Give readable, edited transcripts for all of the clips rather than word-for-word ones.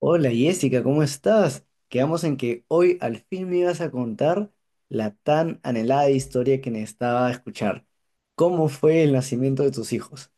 Hola Jessica, ¿cómo estás? Quedamos en que hoy al fin me ibas a contar la tan anhelada historia que necesitaba escuchar. ¿Cómo fue el nacimiento de tus hijos?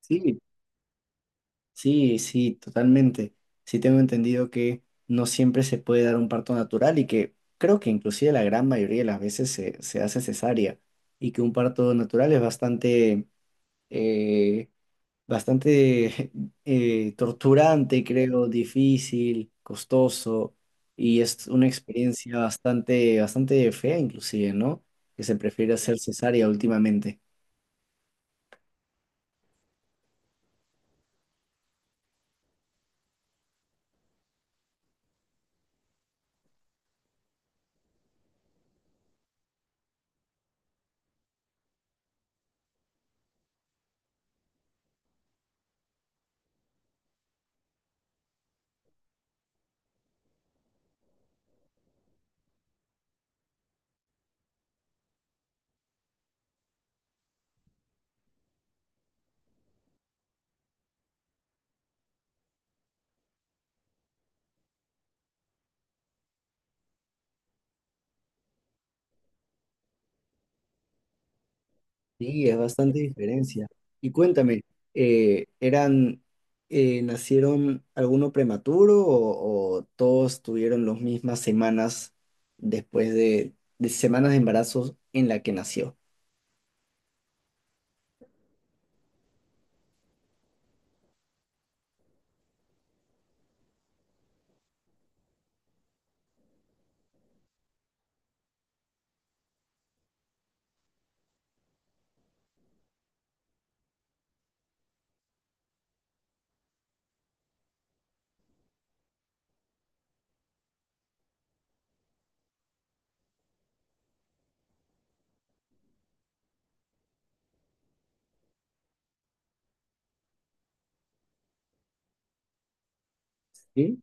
Sí, sí, sí, totalmente. Sí tengo entendido que no siempre se puede dar un parto natural y que creo que inclusive la gran mayoría de las veces se hace cesárea y que un parto natural es bastante, eh, bastante torturante, creo, difícil, costoso, y es una experiencia bastante, bastante fea inclusive, ¿no? Que se prefiere hacer cesárea últimamente. Sí, es bastante diferencia. Y cuéntame, ¿eran, nacieron alguno prematuro o todos tuvieron las mismas semanas después de semanas de embarazos en la que nació? Sí.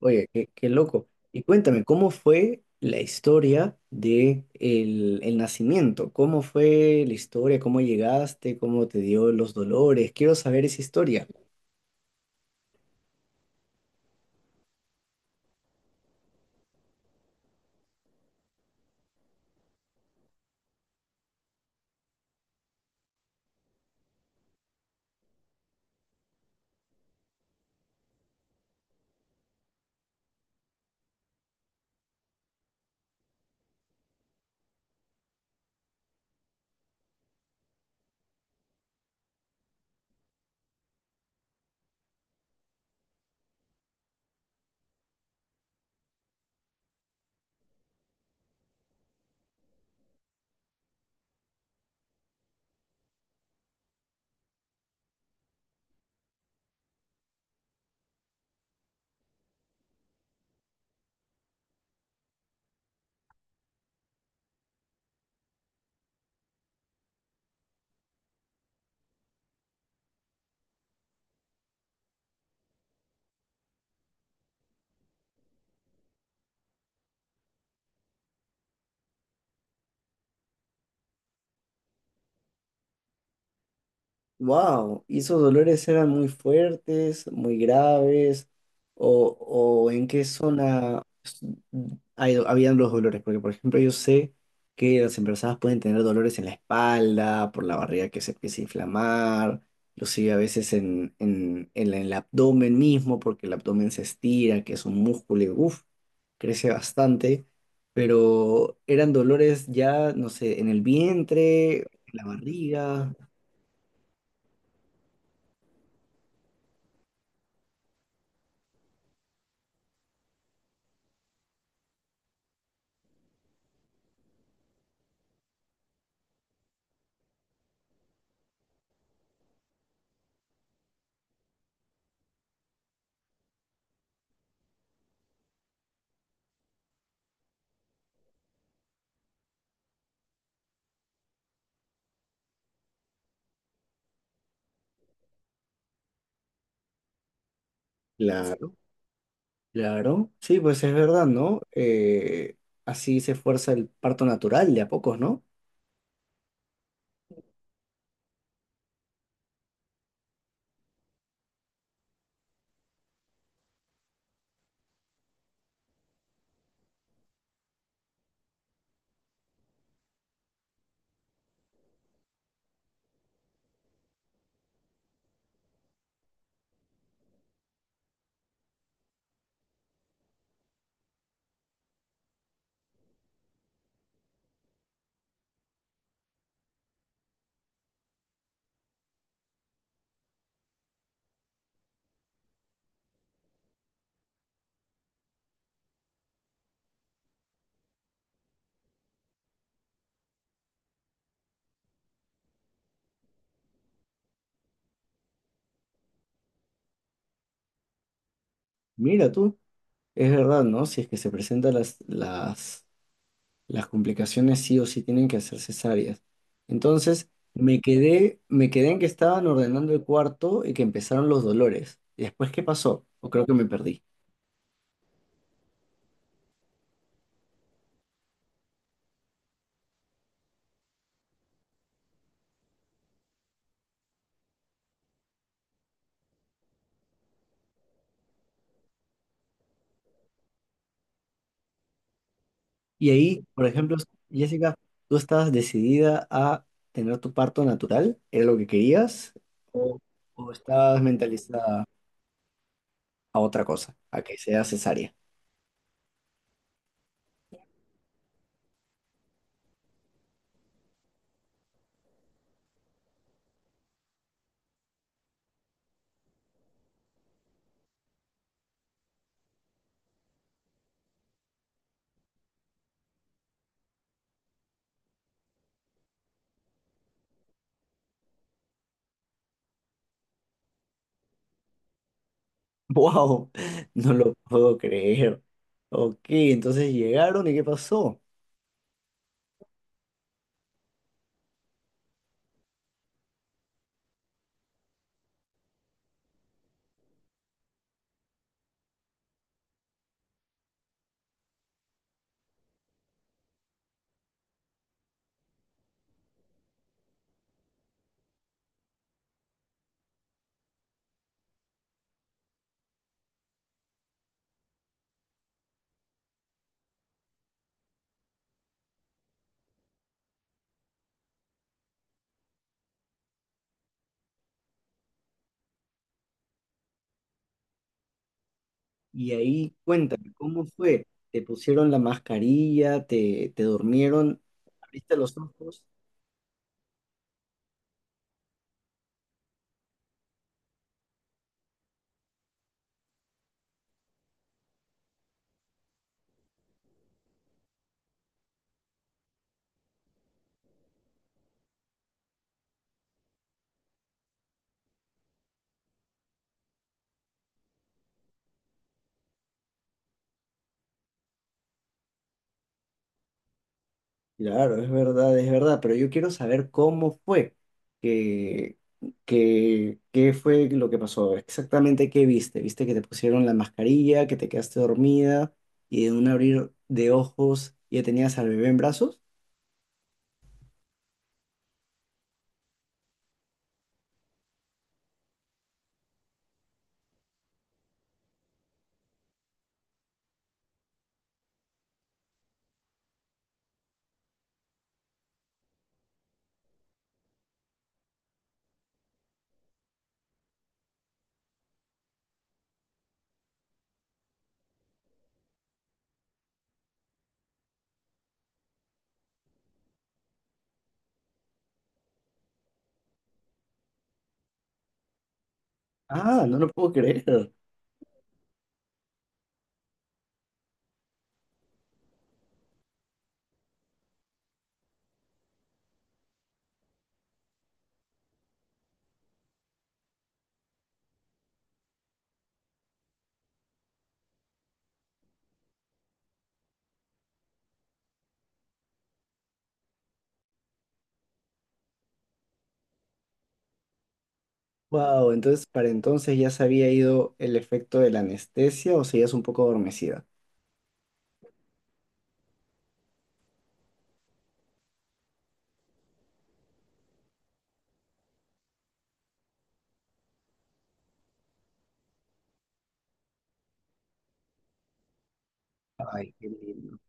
Oye, qué, qué loco. Y cuéntame, ¿cómo fue la historia de el nacimiento? ¿Cómo fue la historia? ¿Cómo llegaste? ¿Cómo te dio los dolores? Quiero saber esa historia. Wow, ¿y esos dolores eran muy fuertes, muy graves? O en qué zona habían los dolores? Porque, por ejemplo, yo sé que las embarazadas pueden tener dolores en la espalda, por la barriga que se empieza a inflamar, inclusive a veces en el abdomen mismo, porque el abdomen se estira, que es un músculo y uf, crece bastante. Pero eran dolores ya, no sé, en el vientre, en la barriga, claro. Claro, sí, pues es verdad, ¿no? Así se fuerza el parto natural de a pocos, ¿no? Mira tú, es verdad, ¿no? Si es que se presentan las complicaciones, sí o sí tienen que hacer cesáreas. Entonces, me quedé en que estaban ordenando el cuarto y que empezaron los dolores. ¿Y después qué pasó? O creo que me perdí. Y ahí, por ejemplo, Jessica, ¿tú estabas decidida a tener tu parto natural? ¿Era lo que querías? ¿O, o estabas mentalizada a otra cosa, a que sea cesárea? ¡Wow! No lo puedo creer. Ok, entonces llegaron y ¿qué pasó? Y ahí cuéntame, ¿cómo fue? ¿Te pusieron la mascarilla? ¿Te, te durmieron? ¿Abriste los ojos? Claro, es verdad, pero yo quiero saber cómo fue, que, qué fue lo que pasó, exactamente qué viste. ¿Viste que te pusieron la mascarilla, que te quedaste dormida y de un abrir de ojos ya tenías al bebé en brazos? Ah, no lo puedo creer. Wow, entonces para entonces ya se había ido el efecto de la anestesia o seguías un poco adormecida. Ay, qué lindo.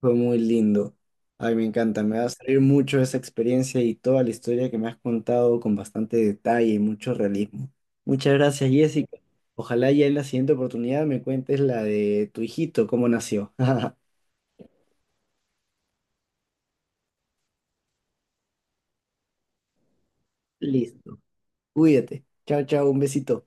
Fue muy lindo. Ay, me encanta. Me va a servir mucho esa experiencia y toda la historia que me has contado con bastante detalle y mucho realismo. Muchas gracias, Jessica. Ojalá ya en la siguiente oportunidad me cuentes la de tu hijito, cómo nació. Listo. Cuídate. Chao, chao. Un besito.